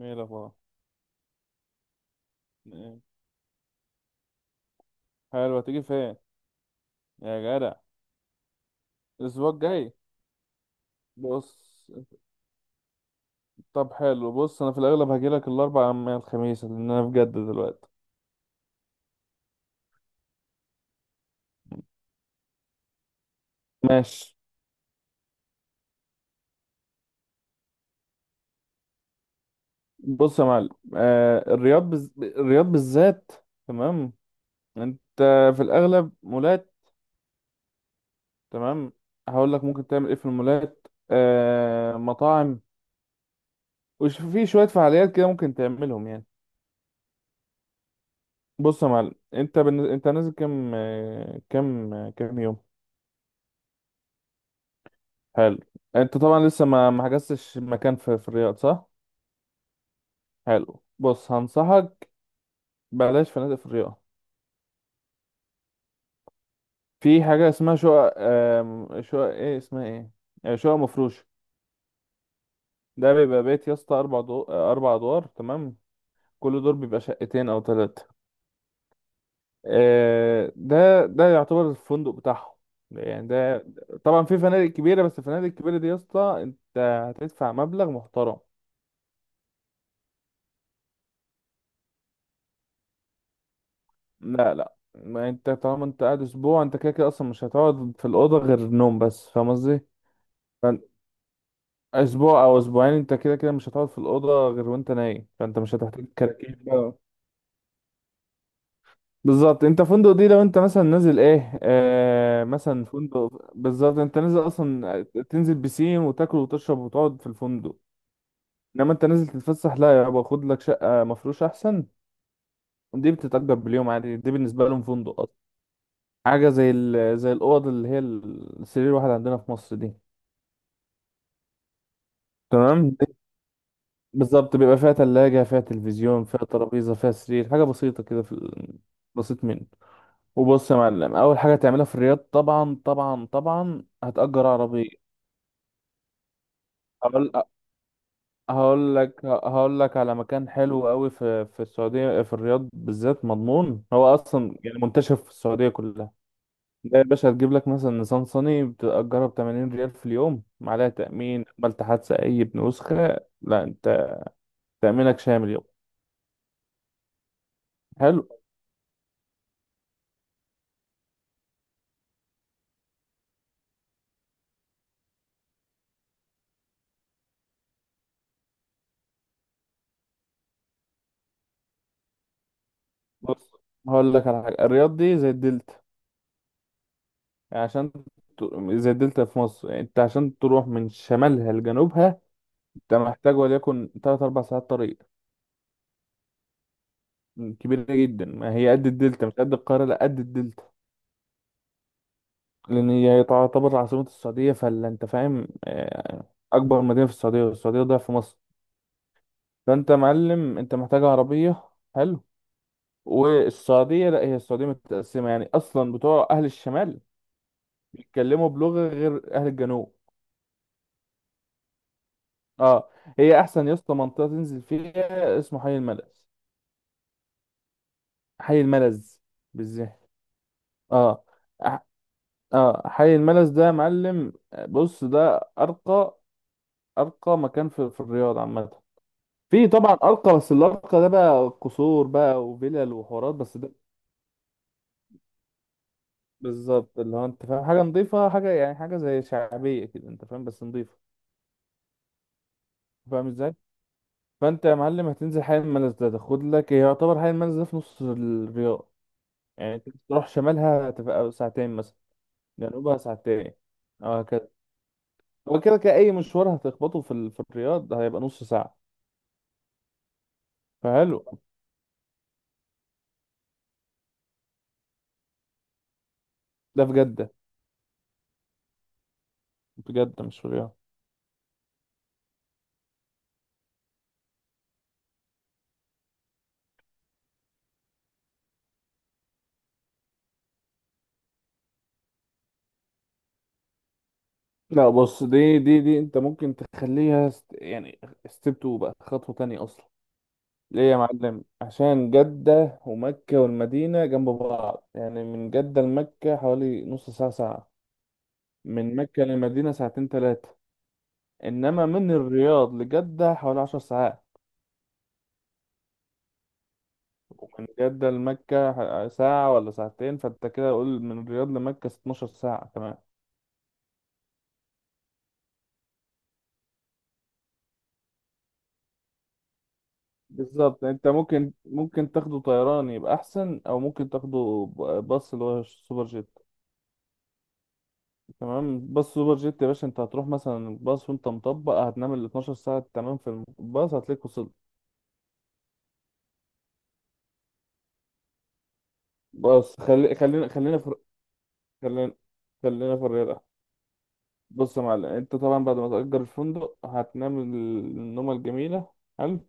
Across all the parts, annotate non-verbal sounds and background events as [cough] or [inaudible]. ايه الاخبار. إيه؟ حلو، هتيجي فين يا جدع؟ الاسبوع الجاي؟ بص، طب حلو. بص انا في الاغلب هجيلك الاربع من الخميس لان انا في جدة دلوقتي. ماشي. بص يا معلم، الرياض بالذات. تمام. انت في الاغلب مولات. تمام. هقول لك ممكن تعمل ايه في المولات، مطاعم، وش في شوية فعاليات كده ممكن تعملهم يعني. بص يا معلم، انت نازل كام يوم؟ حلو. انت طبعا لسه ما حجزتش مكان في الرياض، صح؟ حلو، بص هنصحك، بلاش فنادق في الرياض. في حاجه اسمها شقق، آم، شقق ايه اسمها؟ ايه، شقق مفروشه. ده بيبقى بيت يا اسطى اربع دو... آه، اربع ادوار، تمام. كل دور بيبقى شقتين او ثلاثه، ده يعتبر الفندق بتاعهم يعني. ده طبعا في فنادق كبيره، بس الفنادق الكبيره دي يا اسطى انت هتدفع مبلغ محترم. لا لا، ما انت طالما انت قاعد اسبوع، انت كده كده اصلا مش هتقعد في الاوضه غير نوم بس، فاهم قصدي؟ فان- اسبوع او اسبوعين انت كده كده مش هتقعد في الاوضه غير وانت نايم، فانت مش هتحتاج كراكيب بقى. بالظبط، انت فندق دي لو انت مثلا نازل ايه، مثلا فندق، بالظبط انت نازل اصلا تنزل بسين وتاكل وتشرب وتقعد في الفندق، انما انت نازل تتفسح، لا يابا، خد لك شقه مفروش احسن. دي بتتأجر باليوم عادي، دي بالنسبه لهم فندق. حاجة زي الأوض اللي هي السرير الواحد عندنا في مصر دي. تمام، دي بالظبط بيبقى فيها تلاجة، فيها تلفزيون، فيها ترابيزة، فيها سرير، حاجة بسيطة كده بسيط منه. وبص يا معلم، أول حاجة تعملها في الرياض، طبعا طبعا طبعا هتأجر عربية. هقول هقول لك على مكان حلو قوي في السعودية، في الرياض بالذات، مضمون. هو أصلا يعني منتشر في السعودية كلها. لا يا باشا، هتجيب لك مثلا نيسان صني بتأجرها ب 80 ريال في اليوم، معلها تأمين. عملت حادثة أي بنسخة، لا، أنت تأمينك شامل يوم. حلو. بص هقول لك على حاجة، الرياض دي زي الدلتا، يعني عشان زي الدلتا في مصر، يعني أنت عشان تروح من شمالها لجنوبها أنت محتاج وليكن تلات أربع ساعات طريق. كبيرة جدا، ما هي قد الدلتا، مش قد القاهرة، لا قد الدلتا. لأن هي تعتبر عاصمة السعودية، فلا أنت فاهم. أكبر مدينة في السعودية، والسعودية ضعف مصر، فانت معلم انت محتاج عربيه. حلو. والسعوديه، لا هي السعوديه متقسمه يعني اصلا، بتوع اهل الشمال بيتكلموا بلغه غير اهل الجنوب. اه. هي احسن يا اسطى منطقه تنزل فيها اسمه حي الملز، حي الملز بالذات. اه. أح- اه، حي الملز ده يا معلم، بص ده ارقى، ارقى مكان في الرياض عامه. في طبعا ارقى، بس الارقى ده بقى قصور بقى وفلل وحورات، بس ده بالظبط اللي هو، انت فاهم، حاجه نظيفه، حاجه يعني حاجه زي شعبيه كده، انت فاهم، بس نظيفه، فاهم ازاي؟ فانت يا معلم هتنزل حي المنز ده، تاخد لك، يعتبر حي المنز ده في نص الرياض. يعني انت تروح شمالها تبقى ساعتين مثلا، جنوبها ساعتين، او هكذا. هو كده كده اي مشوار هتخبطه في الرياض هيبقى نص ساعه. فحلو. ده في جده، في جده مش في الرياض. لا بص، دي انت ممكن يعني ستيب 2 بقى، خطوه تانية اصلا. ليه يا معلم؟ عشان جدة ومكة والمدينة جنب بعض، يعني من جدة لمكة حوالي نص ساعة ساعة، من مكة للمدينة ساعتين تلاتة، إنما من الرياض لجدة حوالي عشر ساعات، ومن جدة لمكة ساعة ولا ساعتين، فأنت كده قول من الرياض لمكة 12 ساعة، تمام. بالظبط، أنت ممكن تاخده طيران يبقى أحسن، أو باص اللي هو السوبر جيت. تمام، باص سوبر جيت يا باشا، انت هتروح مثلا الباص وانت مطبق هتنام ال 12 ساعة، تمام، في الباص هتلاقيك وصلت. بص خلينا خلينا في الرياضة. بص يا معلم، انت طبعا بعد ما تأجر الفندق هتنام النومة الجميلة. حلو.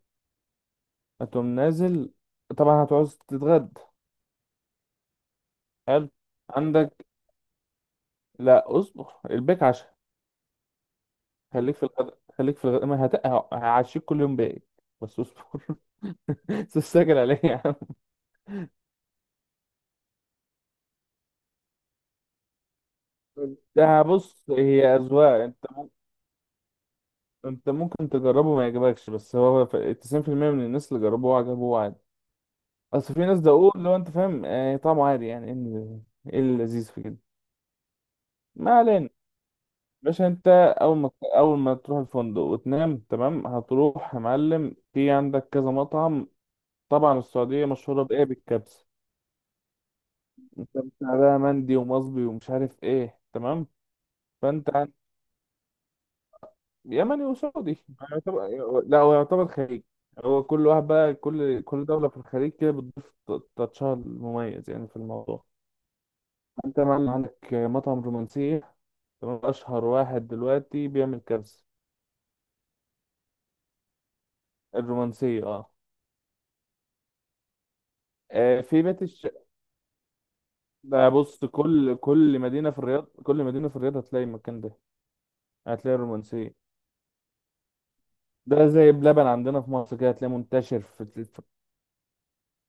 هتقوم نازل، طبعا هتعوز تتغدى. حلو، عندك، لا اصبر، البيك عشاء. خليك في الغداء، خليك في الغداء، ما هت... ه- هعشيك كل يوم بيك، بس اصبر. [laughs] استعجل عليا يا عم. ده بص هي أذواق، انت انت ممكن تجربه ما يعجبكش، بس هو 90% من الناس اللي جربوه عجبوه عادي. اصل في ناس دقوق، لو انت فاهم، طعمه عادي، يعني ايه إيه اللذيذ في كده؟ ما علينا. باشا انت، اول ما اول ما تروح الفندق وتنام تمام، هتروح يا معلم في عندك كذا مطعم. طبعا السعوديه مشهوره بايه؟ بالكبسه. انت بتاع بقى مندي ومصبي ومش عارف ايه، تمام. فانت، يمني وسعودي يعتبر. لا هو يعتبر خليج، هو كل واحد بقى، كل دولة في الخليج كده بتضيف تاتشها المميز يعني في الموضوع. انت مثلا عندك مطعم رومانسية، تمام، أشهر واحد دلوقتي بيعمل كبسة الرومانسية. اه. آه، في بيت الش ده بص، كل مدينة في الرياض كل مدينة في الرياض هتلاقي المكان ده، هتلاقي الرومانسية. ده زي بلبن عندنا في مصر كده، هتلاقيه منتشر في.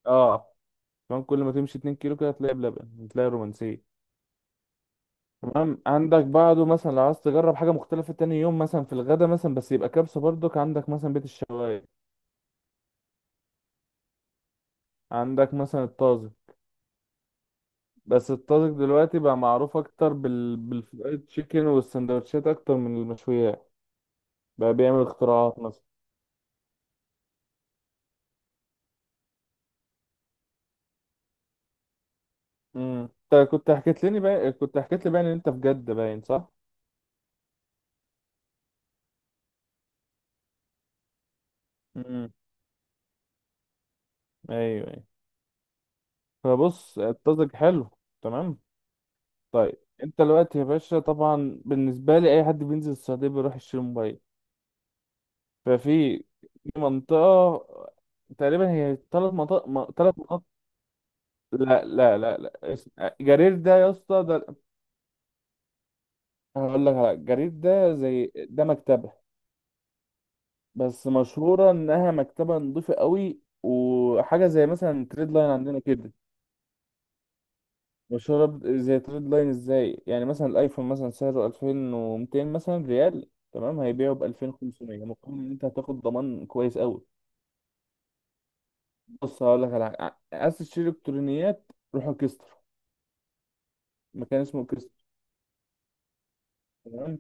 اه، كمان كل ما تمشي 2 كيلو كده هتلاقي بلبن، هتلاقي رومانسية. تمام، عندك بعده مثلا لو عايز تجرب حاجة مختلفة تاني يوم مثلا في الغدا مثلا، بس يبقى كبسة برضك، عندك مثلا بيت الشوايه، عندك مثلا الطازج. بس الطازج دلوقتي بقى معروف أكتر بالفرايد تشيكن والسندوتشات أكتر من المشويات، بقى بيعمل اختراعات مثلا. انت كنت حكيت لي بقى ان انت في جدة باين، صح؟ امم. ايوه ايوه. فبص، الطازج حلو، تمام. طيب، انت دلوقتي يا باشا، طبعا بالنسبة لي أي حد بينزل السعودية بيروح يشتري موبايل. ففي منطقة، تقريبا هي ثلاث مناطق. لا لا لا لا، جرير ده يا اسطى، ده هقول لك على جرير، ده زي ده مكتبة، بس مشهورة انها مكتبة نظيفة قوي، وحاجة زي مثلا تريد لاين عندنا كده، مشهورة زي تريد لاين، ازاي يعني؟ مثلا الايفون مثلا سعره 2200 مثلا ريال، تمام، هيبيعه ب 2500 مقابل ان انت هتاخد ضمان كويس قوي. بص هقول لك على حاجة، عايز تشتري الكترونيات روح الكستر، مكان اسمه كريستال، تمام.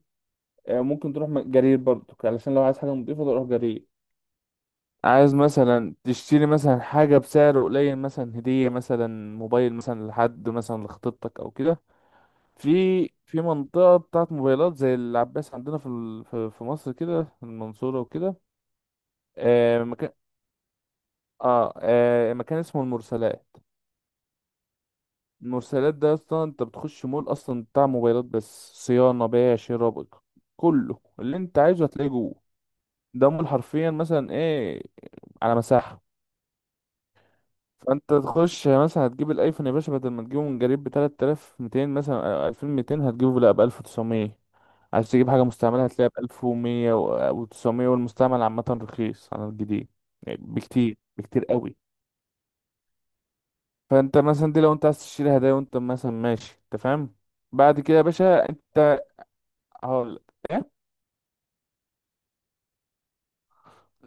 ممكن تروح جرير برضو علشان لو عايز حاجة نضيفة تروح جرير. عايز مثلا تشتري مثلا حاجة بسعر قليل، مثلا هدية مثلا، موبايل مثلا لحد مثلا لخطيبتك أو كده، في في منطقة بتاعت موبايلات زي العباس عندنا في مصر كده، في المنصورة وكده. آه مكان آه, آه مكان اسمه المرسلات. المرسلات ده أصلا أنت بتخش مول أصلا بتاع موبايلات، بس صيانة، بيع، شراء، كله اللي أنت عايزه هتلاقيه جوه. ده مول حرفيا، مثلا ايه، على مساحة. فانت تخش مثلا هتجيب الايفون يا باشا بدل ما تجيبه من جريب ب 3200 مثلا أو 2200، هتجيبه لا ب 1900. عايز تجيب حاجة مستعملة هتلاقيها ب 1100 و900، والمستعمل عامة رخيص عن الجديد يعني، بكتير بكتير قوي. فانت مثلا دي لو انت عايز تشتري هدايا وانت مثلا ماشي، انت فاهم. بعد كده يا باشا انت، هقول، إيه؟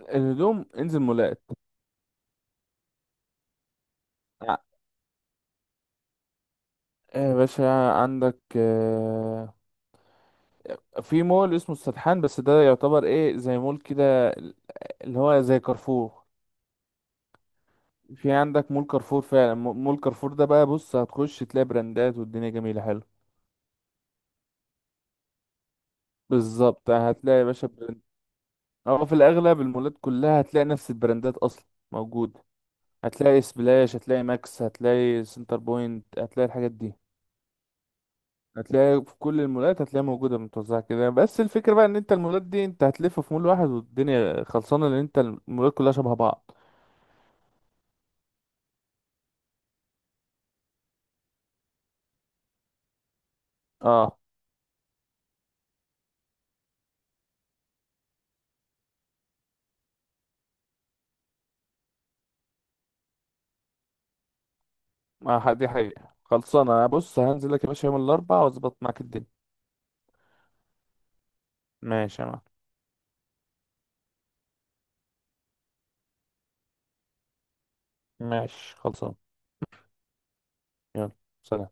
الهدوم انزل مولات. ع- يا باشا عندك، في مول اسمه السدحان، بس ده يعتبر ايه، زي مول كده اللي هو زي كارفور. في عندك مول كارفور فعلا، مول كارفور ده بقى، بص هتخش تلاقي براندات والدنيا جميلة، حلو. بالظبط، هتلاقي يا باشا براند، او في الاغلب المولات كلها هتلاقي نفس البراندات اصلا موجودة، هتلاقي سبلاش، هتلاقي ماكس، هتلاقي سنتر بوينت، هتلاقي الحاجات دي، هتلاقي في كل المولات هتلاقي موجودة متوزعة كده. بس الفكرة بقى ان انت المولات دي انت هتلف في مول واحد والدنيا خلصانة، لان انت المولات كلها شبه بعض. اه، ما دي حقيقة خلصانة انا. بص هنزل لك يا باشا يوم الاربعاء واظبط معاك الدنيا. ماشي يا معلم. ماشي خلصانة. يلا، سلام.